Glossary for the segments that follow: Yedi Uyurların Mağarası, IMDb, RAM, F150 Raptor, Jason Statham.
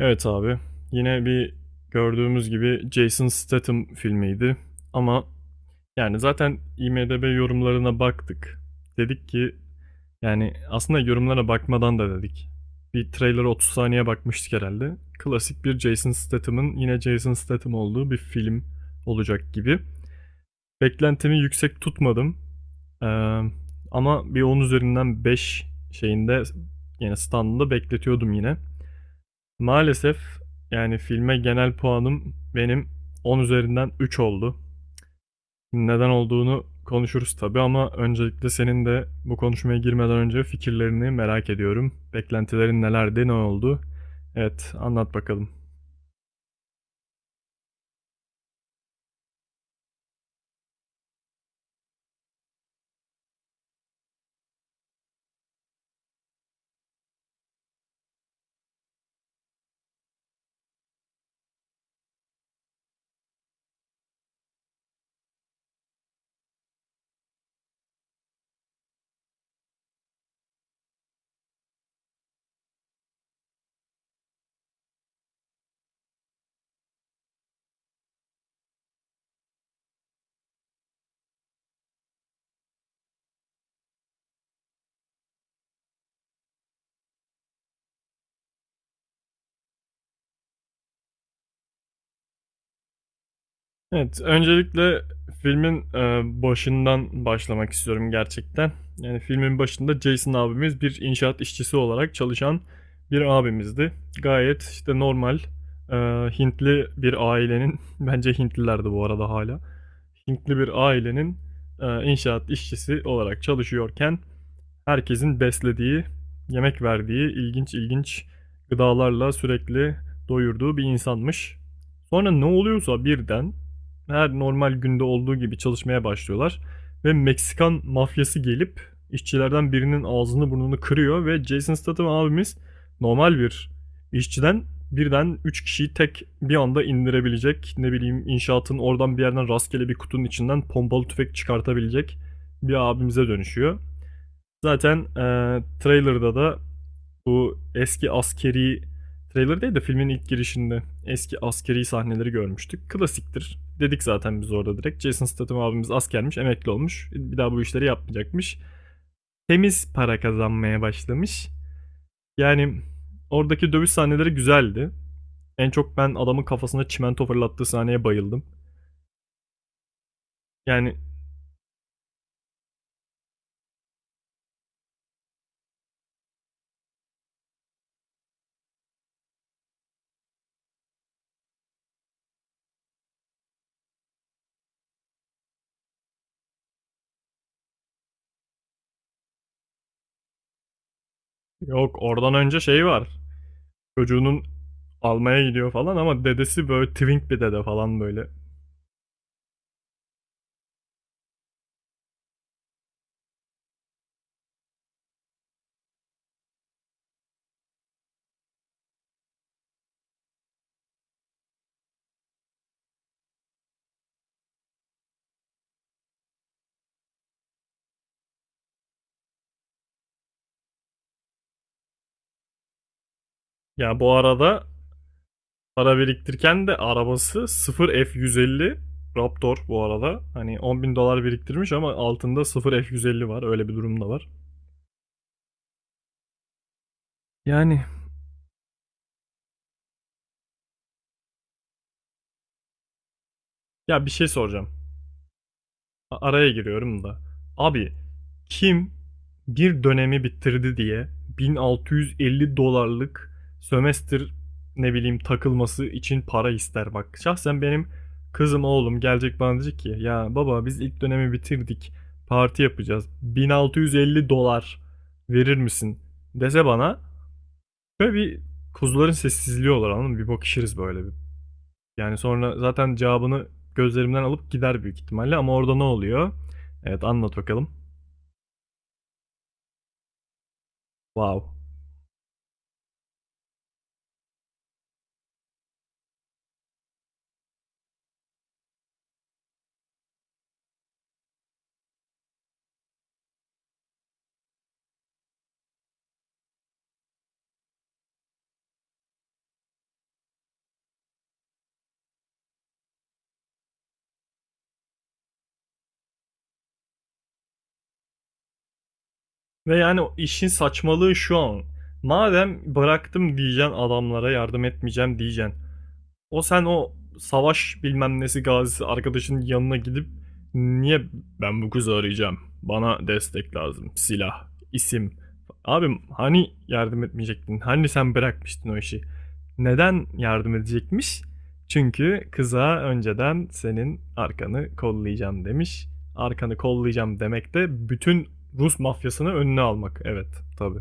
Evet abi. Yine bir gördüğümüz gibi Jason Statham filmiydi. Ama yani zaten IMDb yorumlarına baktık. Dedik ki yani aslında yorumlara bakmadan da dedik. Bir trailer'a 30 saniye bakmıştık herhalde. Klasik bir Jason Statham'ın yine Jason Statham olduğu bir film olacak gibi. Beklentimi yüksek tutmadım. Ee, ama bir 10 üzerinden 5 şeyinde yani standında bekletiyordum yine. Maalesef yani filme genel puanım benim 10 üzerinden 3 oldu. Neden olduğunu konuşuruz tabii ama öncelikle senin de bu konuşmaya girmeden önce fikirlerini merak ediyorum. Beklentilerin nelerdi, ne oldu? Evet, anlat bakalım. Evet, öncelikle filmin, başından başlamak istiyorum gerçekten. Yani, filmin başında Jason abimiz bir inşaat işçisi olarak çalışan bir abimizdi. Gayet, işte, normal, eee, Hintli bir ailenin bence Hintliler de bu arada hala Hintli bir ailenin, inşaat işçisi olarak çalışıyorken herkesin beslediği, yemek verdiği, ilginç ilginç gıdalarla sürekli doyurduğu bir insanmış. Sonra ne oluyorsa birden her normal günde olduğu gibi çalışmaya başlıyorlar ve Meksikan mafyası gelip işçilerden birinin ağzını burnunu kırıyor ve Jason Statham abimiz normal bir işçiden birden 3 kişiyi tek bir anda indirebilecek. Ne bileyim inşaatın oradan bir yerden rastgele bir kutunun içinden pompalı tüfek çıkartabilecek bir abimize dönüşüyor. Zaten trailer'da da bu eski askeri trailer değil de filmin ilk girişinde eski askeri sahneleri görmüştük. Klasiktir. Dedik zaten biz orada direkt. Jason Statham abimiz askermiş, emekli olmuş. Bir daha bu işleri yapmayacakmış. Temiz para kazanmaya başlamış. Yani oradaki dövüş sahneleri güzeldi. En çok ben adamın kafasına çimento fırlattığı sahneye bayıldım. Yani yok oradan önce şey var. Çocuğunun almaya gidiyor falan ama dedesi böyle twink bir dede falan böyle. Ya bu arada para biriktirirken de arabası 0 F150 Raptor bu arada. Hani 10 bin dolar biriktirmiş ama altında 0 F150 var. Öyle bir durum da var. Yani ya bir şey soracağım. Araya giriyorum da. Abi kim bir dönemi bitirdi diye 1650 dolarlık sömestr ne bileyim takılması için para ister bak. Şahsen benim kızım oğlum gelecek bana diyecek ki ya baba biz ilk dönemi bitirdik parti yapacağız 1650 dolar verir misin dese bana böyle bir kuzuların sessizliği olur anladın mı? Bir bakışırız böyle bir yani sonra zaten cevabını gözlerimden alıp gider büyük ihtimalle ama orada ne oluyor? Evet anlat bakalım. Wow. Ve yani işin saçmalığı şu an. Madem bıraktım diyeceksin adamlara yardım etmeyeceğim diyeceksin. O sen o savaş bilmem nesi gazisi arkadaşın yanına gidip niye ben bu kızı arayacağım? Bana destek lazım. Silah, isim. Abim hani yardım etmeyecektin? Hani sen bırakmıştın o işi? Neden yardım edecekmiş? Çünkü kıza önceden senin arkanı kollayacağım demiş. Arkanı kollayacağım demek de bütün Rus mafyasını önüne almak. Evet, tabii.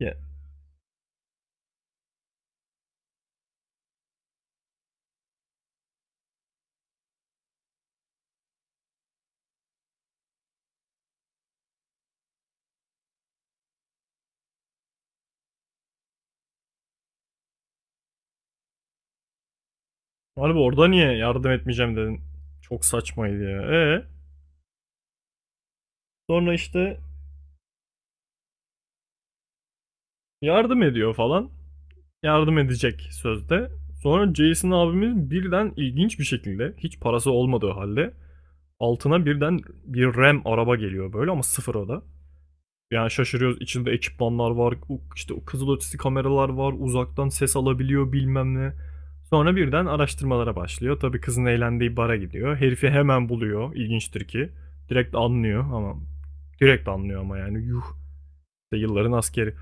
Ya, abi orada niye yardım etmeyeceğim dedin? Çok saçmaydı ya. Ee? Sonra işte yardım ediyor falan. Yardım edecek sözde. Sonra Jason abimiz birden ilginç bir şekilde hiç parası olmadığı halde altına birden bir RAM araba geliyor böyle ama sıfır o da. Yani şaşırıyoruz içinde ekipmanlar var işte o kızıl kameralar var uzaktan ses alabiliyor bilmem ne. Sonra birden araştırmalara başlıyor. Tabii kızın eğlendiği bara gidiyor. Herifi hemen buluyor. İlginçtir ki. Direkt anlıyor ama direkt anlıyor ama yani yuh. İşte yılların askeri.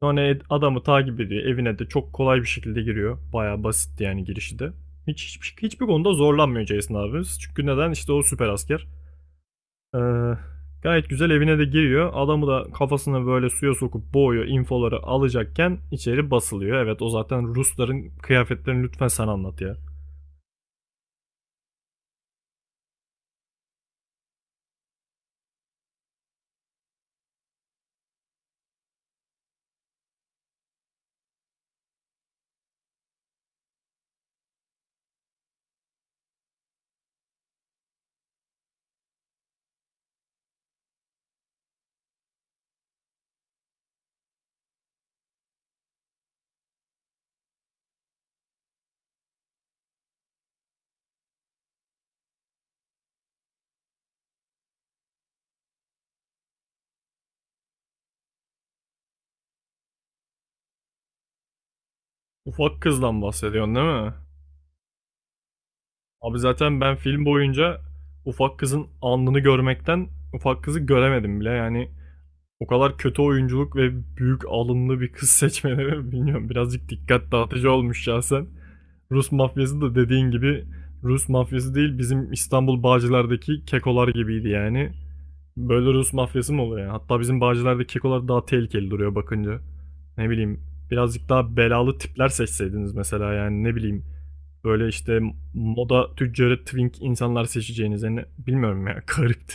Sonra adamı takip ediyor. Evine de çok kolay bir şekilde giriyor. Bayağı basitti yani girişi de. Hiçbir konuda zorlanmıyor Jason abimiz. Çünkü neden? İşte o süper asker. Ee, gayet güzel evine de giriyor. Adamı da kafasına böyle suya sokup boğuyor. İnfoları alacakken içeri basılıyor. Evet o zaten Rusların kıyafetlerini lütfen sen anlat ya. Ufak kızdan bahsediyorsun değil mi? Abi zaten ben film boyunca ufak kızın alnını görmekten ufak kızı göremedim bile. Yani o kadar kötü oyunculuk ve büyük alınlı bir kız seçmeleri bilmiyorum. Birazcık dikkat dağıtıcı olmuş şahsen. Rus mafyası da dediğin gibi Rus mafyası değil bizim İstanbul Bağcılar'daki kekolar gibiydi yani. Böyle Rus mafyası mı oluyor? Yani? Hatta bizim Bağcılar'daki kekolar daha tehlikeli duruyor bakınca. Ne bileyim birazcık daha belalı tipler seçseydiniz mesela yani ne bileyim. Böyle işte moda tüccarı twink insanlar seçeceğiniz yani bilmiyorum ya garipti.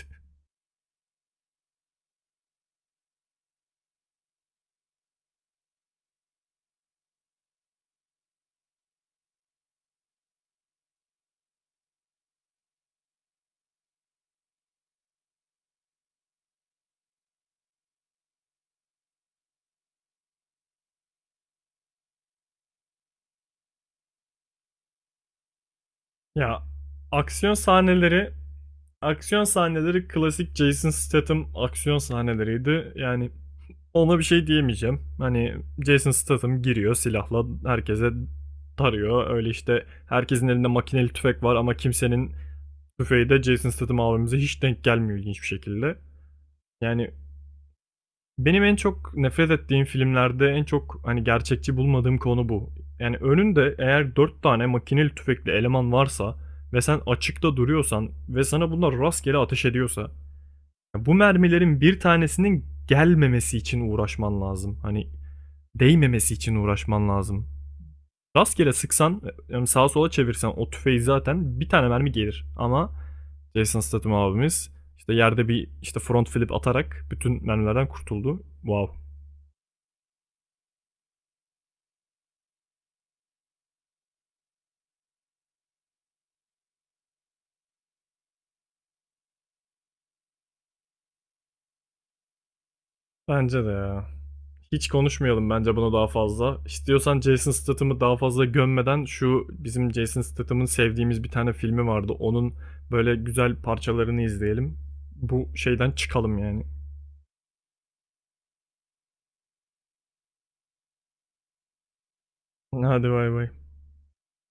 Ya aksiyon sahneleri aksiyon sahneleri klasik Jason Statham aksiyon sahneleriydi. Yani ona bir şey diyemeyeceğim. Hani Jason Statham giriyor silahla herkese tarıyor. Öyle işte herkesin elinde makineli tüfek var ama kimsenin tüfeği de Jason Statham abimize hiç denk gelmiyor ilginç bir şekilde. Yani benim en çok nefret ettiğim filmlerde en çok, hani, gerçekçi bulmadığım konu bu. Yani, önünde eğer 4 tane makineli tüfekli eleman varsa ve sen açıkta duruyorsan ve sana bunlar rastgele ateş ediyorsa, bu mermilerin bir tanesinin gelmemesi için uğraşman lazım. Hani, değmemesi için uğraşman lazım. Rastgele sıksan, yani, sağa sola çevirsen o tüfeği zaten bir tane mermi gelir ama Jason Statham abimiz, işte, yerde bir, işte, front flip atarak bütün mermilerden kurtuldu. Wow. Bence de ya. Hiç konuşmayalım bence bunu daha fazla. İstiyorsan Jason Statham'ı daha fazla gömmeden şu bizim Jason Statham'ın sevdiğimiz bir tane filmi vardı. Onun böyle güzel parçalarını izleyelim. Bu şeyden çıkalım yani. Hadi bay bay.